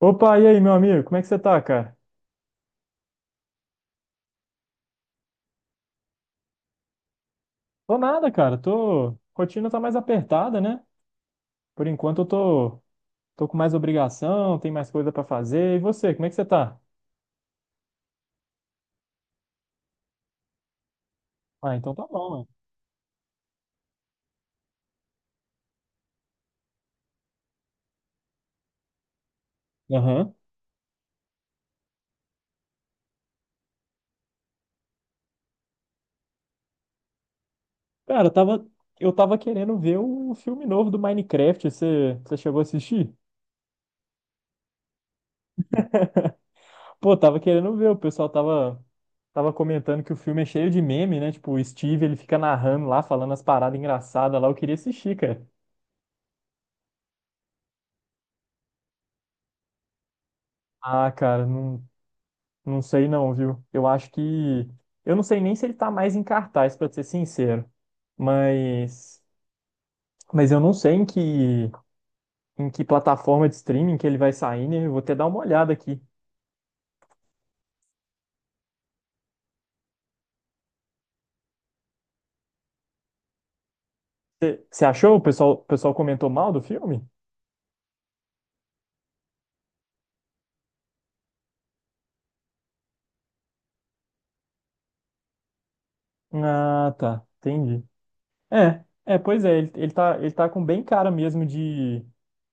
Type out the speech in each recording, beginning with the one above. Opa, e aí, meu amigo? Como é que você tá, cara? Tô nada, cara. Tô... Rotina tá mais apertada, né? Por enquanto eu tô com mais obrigação, tem mais coisa pra fazer. E você, como é que você tá? Ah, então tá bom, mano. Aham. Cara, eu tava querendo ver o filme novo do Minecraft. Você chegou a assistir? Pô, tava querendo ver. O pessoal tava comentando que o filme é cheio de meme, né? Tipo, o Steve, ele fica narrando lá, falando as paradas engraçadas lá. Eu queria assistir, cara. Ah, cara, não. Não sei não, viu? Eu acho que. Eu não sei nem se ele tá mais em cartaz, pra ser sincero. Mas. Mas eu não sei em que plataforma de streaming que ele vai sair, né? Eu vou até dar uma olhada aqui. Você achou? O pessoal comentou mal do filme? Ah, tá. Entendi. É, é, pois é, ele, ele tá com bem cara mesmo de,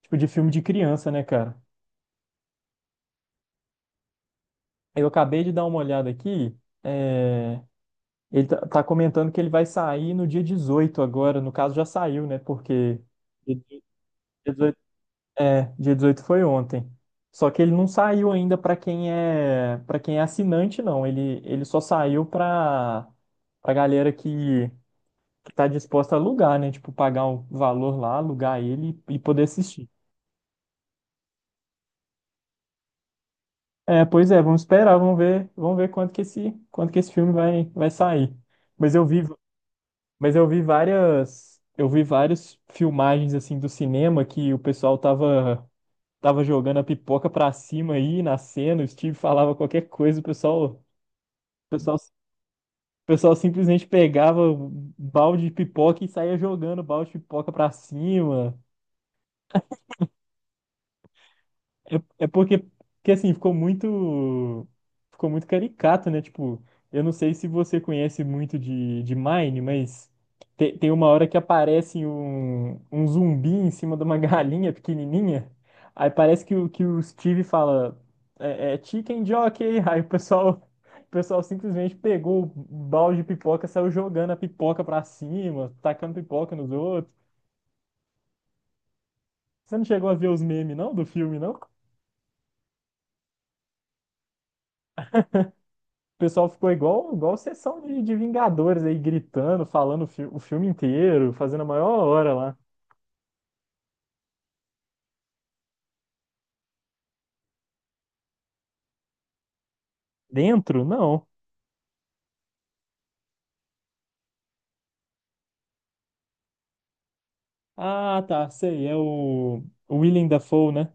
tipo, de filme de criança, né, cara? Eu acabei de dar uma olhada aqui, é, Ele tá comentando que ele vai sair no dia 18 agora. No caso, já saiu, né? Porque dia 18 dia 18 foi ontem. Só que ele não saiu ainda para quem é assinante, não. Ele só saiu para para galera que tá disposta a alugar, né? Tipo, pagar um valor lá, alugar ele e poder assistir. É, pois é, vamos esperar, vamos ver quanto que esse filme vai sair. Mas eu vi, Mas eu vi várias filmagens assim do cinema que o pessoal tava jogando a pipoca pra cima aí na cena, o Steve falava qualquer coisa, o pessoal simplesmente pegava um balde de pipoca e saía jogando o balde de pipoca pra cima. É porque, assim, ficou muito caricato, né? Tipo, eu não sei se você conhece muito de Mine, mas tem uma hora que aparece um zumbi em cima de uma galinha pequenininha. Aí parece que o Steve fala, é chicken jockey. Aí o pessoal simplesmente pegou o balde de pipoca, saiu jogando a pipoca pra cima, tacando pipoca nos outros. Você não chegou a ver os memes, não, do filme, não? O pessoal ficou igual sessão de Vingadores aí, gritando, falando o filme inteiro, fazendo a maior hora lá. Dentro? Não. Ah, tá, sei, é o Willem Dafoe, né?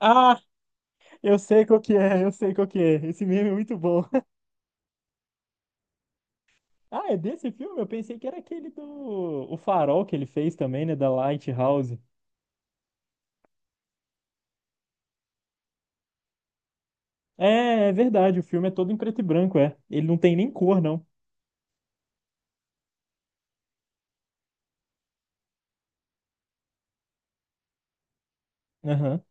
Ah, eu sei qual que é, eu sei qual que é. Esse meme é muito bom. Ah, é desse filme? Eu pensei que era aquele do O Farol que ele fez também, né, da Lighthouse. É, é verdade, o filme é todo em preto e branco, é. Ele não tem nem cor, não. Aham,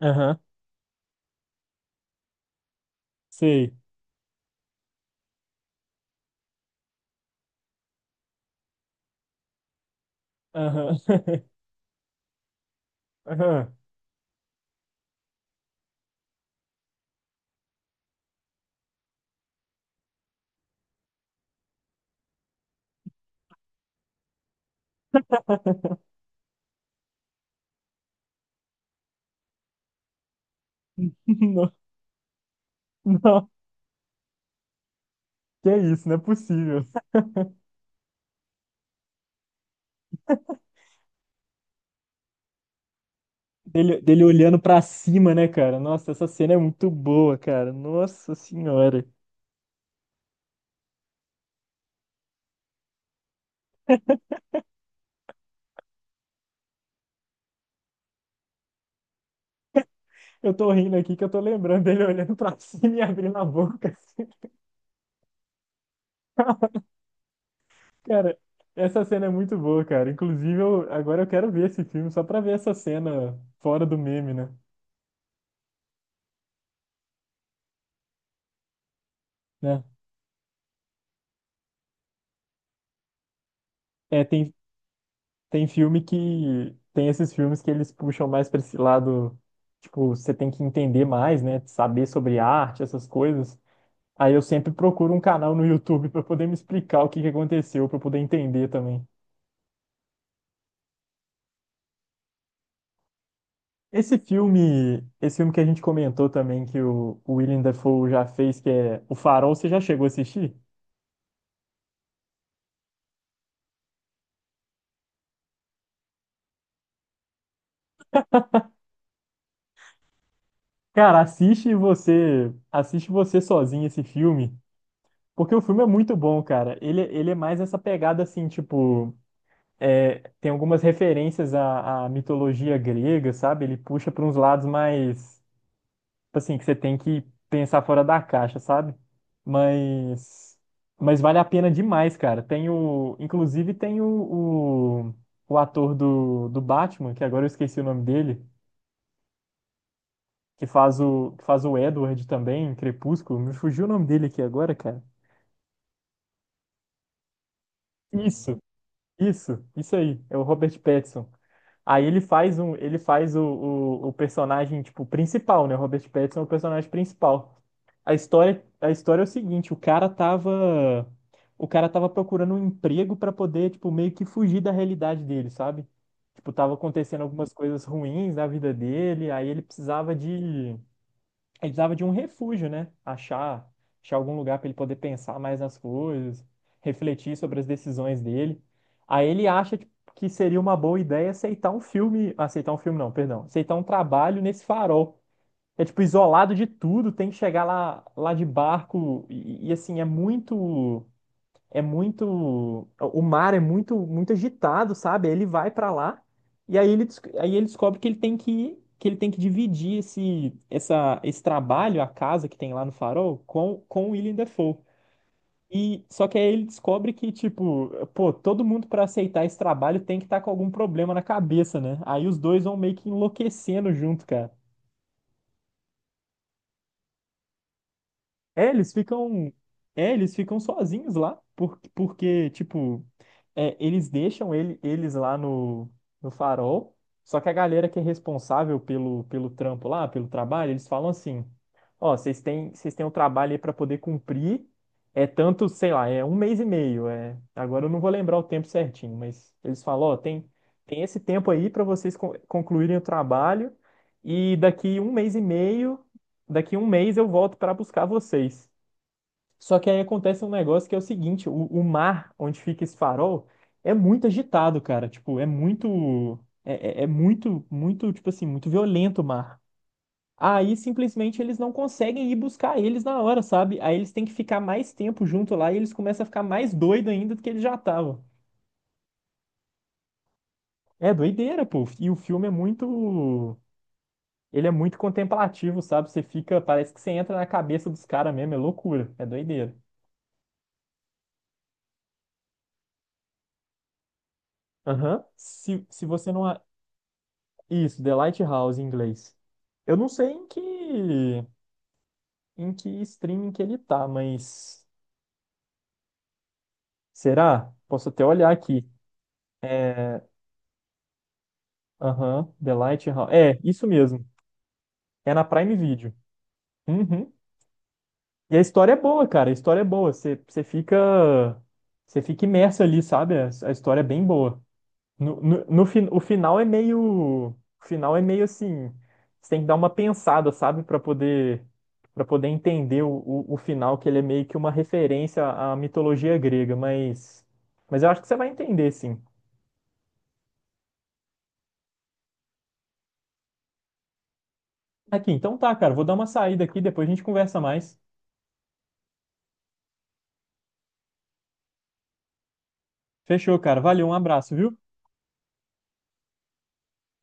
aham, sei. Aham, aham. Não, não. Que é isso, não é possível. Dele olhando pra cima, né, cara? Nossa, essa cena é muito boa, cara. Nossa senhora. Eu tô rindo aqui que eu tô lembrando dele olhando pra cima e abrindo a boca. Assim. Cara, essa cena é muito boa, cara. Inclusive, agora eu quero ver esse filme só pra ver essa cena fora do meme, né? Né? É, tem, tem filme que. Tem esses filmes que eles puxam mais pra esse lado. Tipo, você tem que entender mais, né? Saber sobre arte, essas coisas. Aí eu sempre procuro um canal no YouTube para poder me explicar o que que aconteceu, para poder entender também. Esse filme que a gente comentou também que o Willem Dafoe já fez, que é O Farol, você já chegou a assistir? Cara, assiste você sozinho esse filme, porque o filme é muito bom, cara. Ele é mais essa pegada assim, tipo, tem algumas referências à mitologia grega, sabe? Ele puxa para uns lados mais tipo assim, que você tem que pensar fora da caixa, sabe? Mas, mas vale a pena demais, cara. Tem o, inclusive tem o, o, o ator do Batman, que agora eu esqueci o nome dele, que faz o Edward também, em Crepúsculo. Me fugiu o nome dele aqui agora, cara. Isso. Isso aí, é o Robert Pattinson. Aí ele faz o personagem, tipo, principal, né? O Robert Pattinson é o personagem principal. A história é o seguinte, o cara tava procurando um emprego para poder, tipo, meio que fugir da realidade dele, sabe? Tipo, tava acontecendo algumas coisas ruins na vida dele, aí ele precisava de um refúgio, né? Achar algum lugar para ele poder pensar mais nas coisas, refletir sobre as decisões dele. Aí ele acha que seria uma boa ideia aceitar um filme não, perdão, aceitar um trabalho nesse farol. É tipo isolado de tudo, tem que chegar lá de barco e assim é muito, o mar é muito agitado, sabe? Aí Ele vai pra lá e aí aí ele descobre que ele tem que dividir esse trabalho, a casa que tem lá no Farol, com o Willem Dafoe. E só que aí ele descobre que, tipo, pô, todo mundo pra aceitar esse trabalho tem que estar com algum problema na cabeça, né? Aí os dois vão meio que enlouquecendo junto, cara. É, eles ficam, eles ficam sozinhos lá, porque, tipo, eles deixam eles lá no farol, só que a galera que é responsável pelo trabalho, eles falam assim, ó, vocês têm um trabalho aí pra poder cumprir, é tanto, sei lá, é um mês e meio, agora eu não vou lembrar o tempo certinho, mas eles falam, ó, tem esse tempo aí pra vocês concluírem o trabalho, e daqui um mês e meio daqui um mês eu volto para buscar vocês. Só que aí acontece um negócio que é o seguinte, o mar onde fica esse farol é muito agitado, cara. Tipo, é muito, é muito, muito, tipo assim, muito violento o mar. Aí simplesmente eles não conseguem ir buscar eles na hora, sabe? Aí eles têm que ficar mais tempo junto lá e eles começam a ficar mais doido ainda do que eles já estavam. É doideira, pô. E o filme é muito, ele é muito contemplativo, sabe? Você fica, parece que você entra na cabeça dos caras mesmo, é loucura, é doideira. Aham. Se você não. a- Isso, The Lighthouse em inglês. Eu não sei em que streaming que ele tá, mas. Será? Posso até olhar aqui. É. Aham, The Lighthouse. É, isso mesmo. É na Prime Video. Uhum. E a história é boa, cara. A história é boa. Você fica. Você fica imerso ali, sabe? A história é bem boa. No, no, no fin- O final é meio assim, você tem que dar uma pensada, sabe, para poder entender o final, que ele é meio que uma referência à mitologia grega, mas eu acho que você vai entender, sim. Aqui, então tá, cara, vou dar uma saída aqui, depois a gente conversa mais. Fechou, cara. Valeu, um abraço, viu?